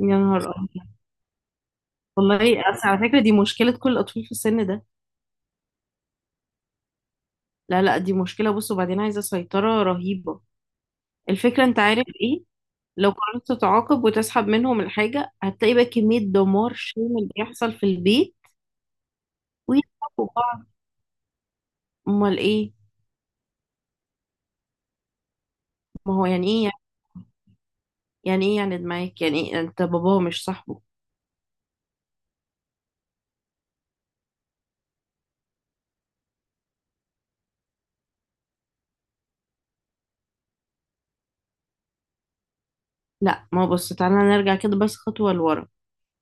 يا نهار أبيض. والله أصل على فكرة دي مشكلة كل الأطفال في السن ده. لا، دي مشكلة. بص، وبعدين عايزة سيطرة رهيبة. الفكرة أنت عارف إيه، لو قررت تتعاقب وتسحب منهم الحاجة هتلاقي بقى كمية دمار شامل بيحصل في البيت ويضربوا بعض. أمال إيه؟ ما هو يعني إيه يعني، يعني إيه يعني معاك؟ يعني إيه أنت باباه مش صاحبه؟ لا ما هو بص، تعالى نرجع كده بس خطوة لورا.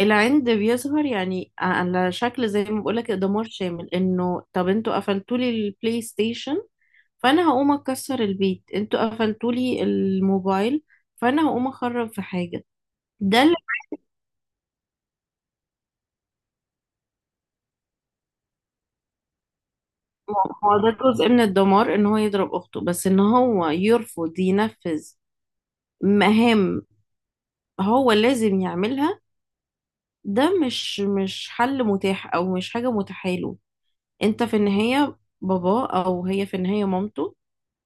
العند بيظهر يعني على شكل زي ما بقولك دمار شامل، إنه طب أنتوا قفلتولي البلاي ستيشن فانا هقوم اكسر البيت، انتوا قفلتولي الموبايل فانا هقوم اخرب في حاجه. ده اللي- هو ده جزء من الدمار، ان هو يضرب اخته، بس ان هو يرفض ينفذ مهام هو لازم يعملها، ده مش حل متاح او مش حاجه متاحه له. انت في النهايه بابا او هي في النهايه مامته،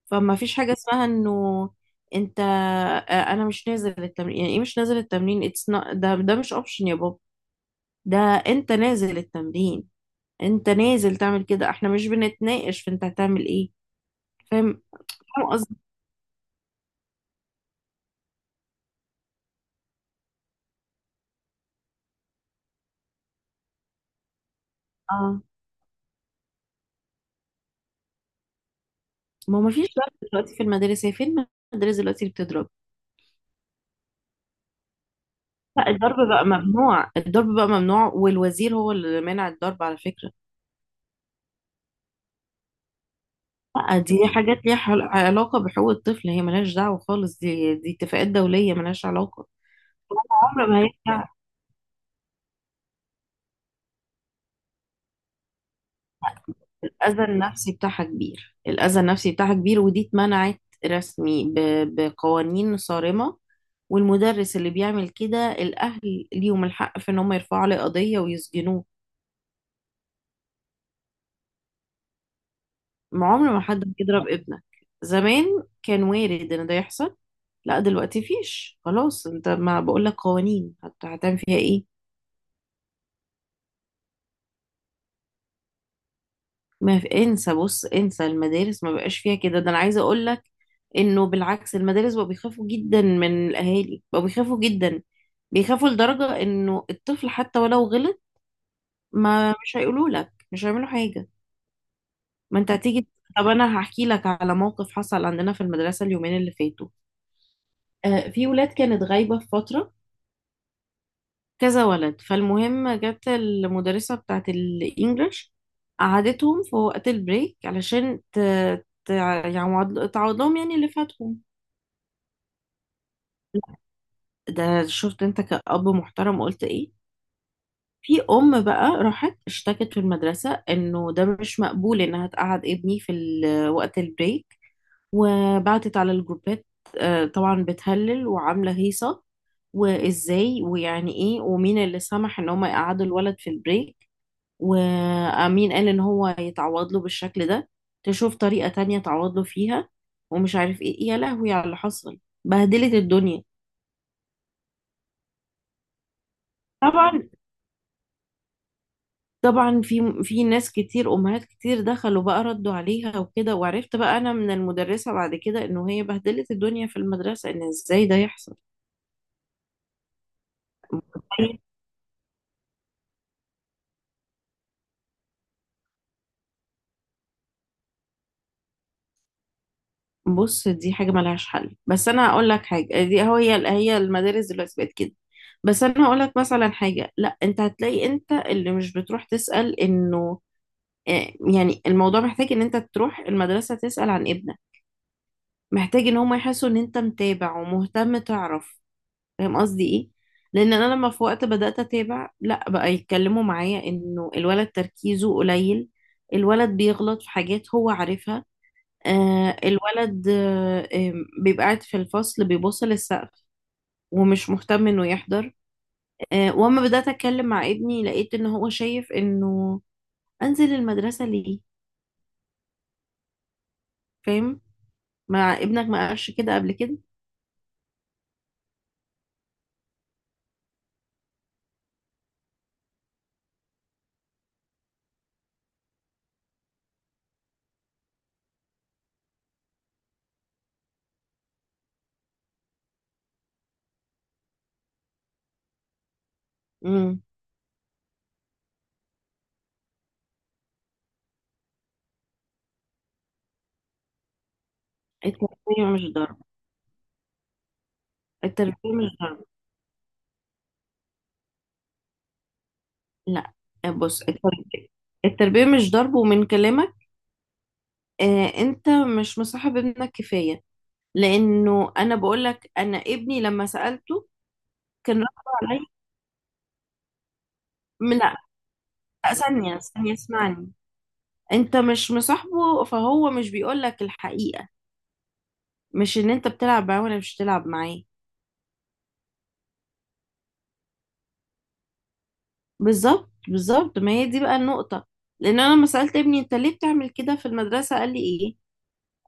فما فيش حاجه اسمها انه انت انا مش نازل التمرين. يعني ايه مش نازل التمرين؟ اتس ده مش اوبشن يا بابا. ده انت نازل التمرين، انت نازل تعمل كده، احنا مش بنتناقش في انت هتعمل ايه. فاهم؟ فاهم قصدي؟ اه، ما هو مفيش ضرب دلوقتي في المدارس، هي فين المدارس دلوقتي اللي بتضرب؟ لا، الضرب بقى ممنوع، الضرب بقى ممنوع، والوزير هو اللي مانع الضرب على فكرة. لا، دي حاجات ليها علاقة بحقوق الطفل، هي ملهاش دعوة خالص، دي اتفاقات دولية ملهاش علاقة. عمر ما هيرجع. الأذى النفسي بتاعها كبير، الأذى النفسي بتاعها كبير، ودي اتمنعت رسمي بقوانين صارمة. والمدرس اللي بيعمل كده الأهل ليهم الحق في إن هم يرفعوا عليه قضية ويسجنوه. ما عمر ما حد بيضرب ابنك. زمان كان وارد إن ده يحصل، لا دلوقتي فيش خلاص، انت ما بقولك قوانين، هتعمل فيها ايه؟ ما في، انسى، بص انسى المدارس ما بقاش فيها كده. ده انا عايزة اقولك انه بالعكس المدارس بقوا بيخافوا جدا من الاهالي، بقوا بيخافوا جدا، بيخافوا لدرجة انه الطفل حتى ولو غلط ما مش هيقولوا لك، مش هيعملوا حاجة. ما انت هتيجي. طب انا هحكي لك على موقف حصل عندنا في المدرسة اليومين اللي فاتوا. آه، في ولاد كانت غايبة في فترة، كذا ولد، فالمهم جت المدرسة بتاعت الانجليش قعدتهم في وقت البريك علشان يعني تعوض لهم يعني اللي فاتهم. ده شفت انت كأب محترم قلت ايه؟ في ام بقى راحت اشتكت في المدرسة انه ده مش مقبول انها تقعد ابني في وقت البريك، وبعتت على الجروبات. طبعا بتهلل وعاملة هيصة، وازاي ويعني ايه ومين اللي سمح ان هم يقعدوا الولد في البريك، ومين قال ان هو يتعوض له بالشكل ده، تشوف طريقة تانية تعوض له فيها، ومش عارف ايه، يا لهوي على اللي حصل. بهدلت الدنيا. طبعا. طبعا، في ناس كتير، امهات كتير دخلوا بقى ردوا عليها وكده، وعرفت بقى انا من المدرسة بعد كده انه هي بهدلت الدنيا في المدرسة، ان ازاي ده يحصل. بص، دي حاجة ملهاش حل، بس أنا هقول لك حاجة، دي هو هي المدارس دلوقتي بقت كده. بس أنا هقول لك مثلا حاجة، لا أنت هتلاقي أنت اللي مش بتروح تسأل. إنه يعني الموضوع محتاج إن أنت تروح المدرسة تسأل عن ابنك، محتاج إن هم يحسوا إن أنت متابع ومهتم، تعرف. فاهم قصدي إيه؟ لأن أنا لما في وقت بدأت أتابع، لا بقى يتكلموا معايا إنه الولد تركيزه قليل، الولد بيغلط في حاجات هو عارفها، آه الولد آه آم، بيبقى قاعد في الفصل بيبص للسقف ومش مهتم انه يحضر. آه واما بدأت اتكلم مع ابني لقيت ان هو شايف انه انزل المدرسة ليه. فاهم؟ مع ابنك ما قالش كده قبل كده؟ امم. التربية مش ضرب. التربية مش ضرب. لا. بص، التربية، التربية مش ضرب. ومن كلامك، آه، انت مش مصاحب ابنك كفاية. لانه انا بقولك انا ابني لما سألته كان رد عليا. لا ثانية ثانية، اسمعني. انت مش مصاحبه فهو مش بيقولك الحقيقة، مش ان انت بتلعب معاه ولا مش بتلعب معاه. بالظبط، بالظبط، ما هي دي بقى النقطة. لان انا لما سألت ابني انت ليه بتعمل كده في المدرسة قال لي ايه،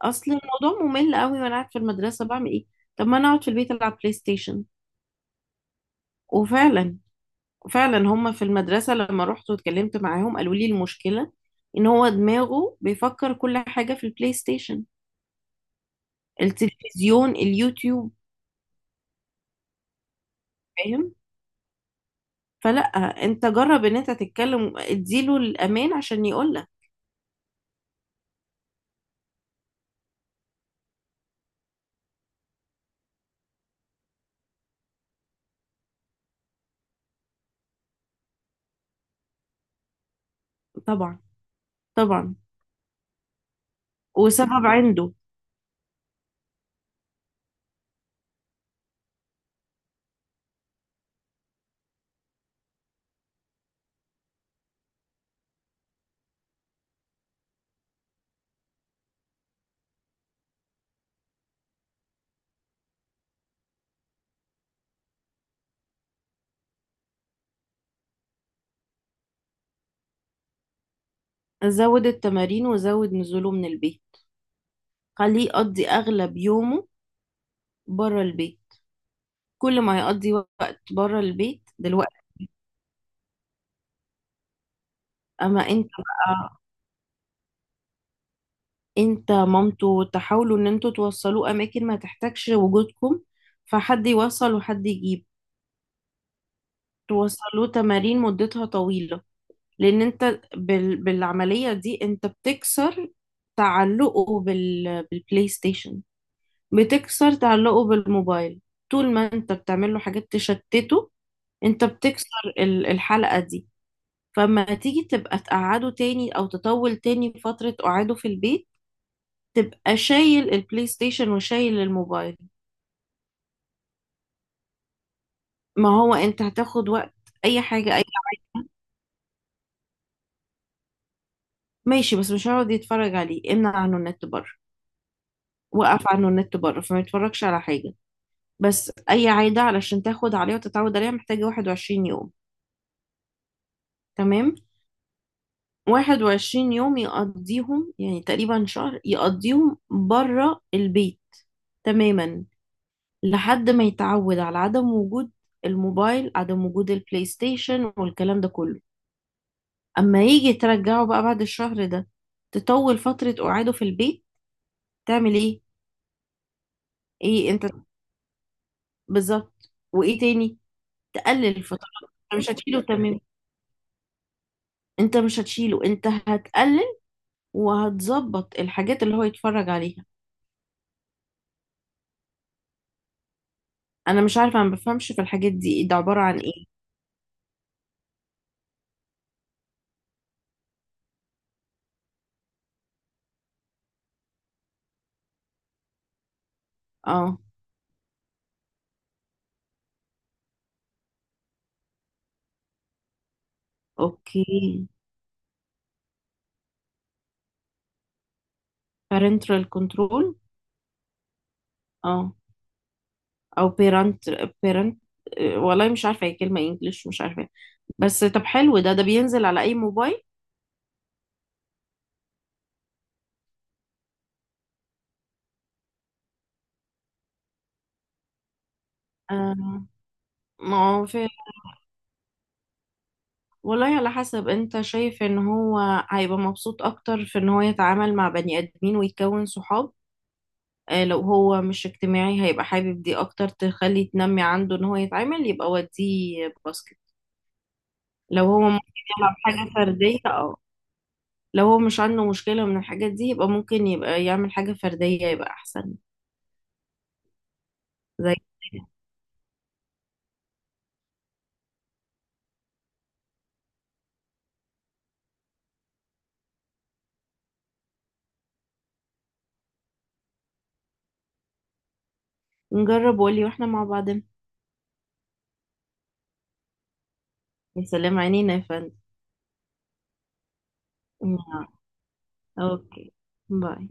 اصل الموضوع ممل قوي، وانا قاعد في المدرسة بعمل ايه؟ طب ما انا اقعد في البيت العب بلاي ستيشن. وفعلا، فعلا هما في المدرسة لما رحت واتكلمت معاهم قالوا لي المشكلة ان هو دماغه بيفكر كل حاجة في البلاي ستيشن، التلفزيون، اليوتيوب. فاهم؟ فلا، انت جرب ان انت تتكلم اديله الامان عشان يقولك. طبعا. طبعا، وسبب عنده. زود التمارين وزود نزوله من البيت، خليه يقضي اغلب يومه بره البيت. كل ما يقضي وقت بره البيت دلوقتي. اما انت بقى، انت مامته تحاولوا ان انتوا توصلوه اماكن ما تحتاجش وجودكم، فحد يوصل وحد يجيب. توصلوه تمارين مدتها طويلة، لان انت بالعملية دي انت بتكسر تعلقه بالبلاي ستيشن، بتكسر تعلقه بالموبايل. طول ما انت بتعمل له حاجات تشتته انت بتكسر الحلقة دي. فما تيجي تبقى تقعده تاني او تطول تاني فترة قعاده في البيت تبقى شايل البلاي ستيشن وشايل الموبايل. ما هو انت هتاخد وقت. اي حاجة، اي. ماشي، بس مش هيقعد يتفرج عليه، امنع عنه النت بره، وقف عنه النت بره فما يتفرجش على حاجة. بس أي عادة علشان تاخد عليها وتتعود عليها محتاجة 21 يوم. تمام؟ 21 يوم يقضيهم، يعني تقريبا شهر يقضيهم بره البيت، تماما، لحد ما يتعود على عدم وجود الموبايل، عدم وجود البلاي ستيشن والكلام ده كله. أما يجي ترجعه بقى بعد الشهر ده، تطول فترة قعاده في البيت. تعمل ايه؟ ايه انت؟ بالظبط. وايه تاني؟ تقلل الفترات. انت مش هتشيله تمام، انت مش هتشيله، انت هتقلل وهتظبط الحاجات اللي هو يتفرج عليها. انا مش عارفه، انا ما بفهمش في الحاجات دي، ده عباره عن ايه؟ اه. اوكي. parental control. اه، او parent. parent. والله مش عارفه، هي كلمه انجلش مش عارفه. بس طب حلو، ده ده بينزل على اي موبايل؟ آه، ما هو في. والله على حسب انت شايف ان هو هيبقى مبسوط اكتر في ان هو يتعامل مع بني ادمين ويكون صحاب. لو هو مش اجتماعي هيبقى حابب دي اكتر، تخلي تنمي عنده ان هو يتعامل، يبقى وديه باسكت. لو هو ممكن يلعب حاجة فردية، اه لو هو مش عنده مشكلة من الحاجات دي يبقى ممكن يبقى يعمل حاجة فردية يبقى احسن. زي كده. نجرب، وقولي، واحنا مع بعضنا. يا سلام، عينينا يا فندم. آه، اوكي، باي.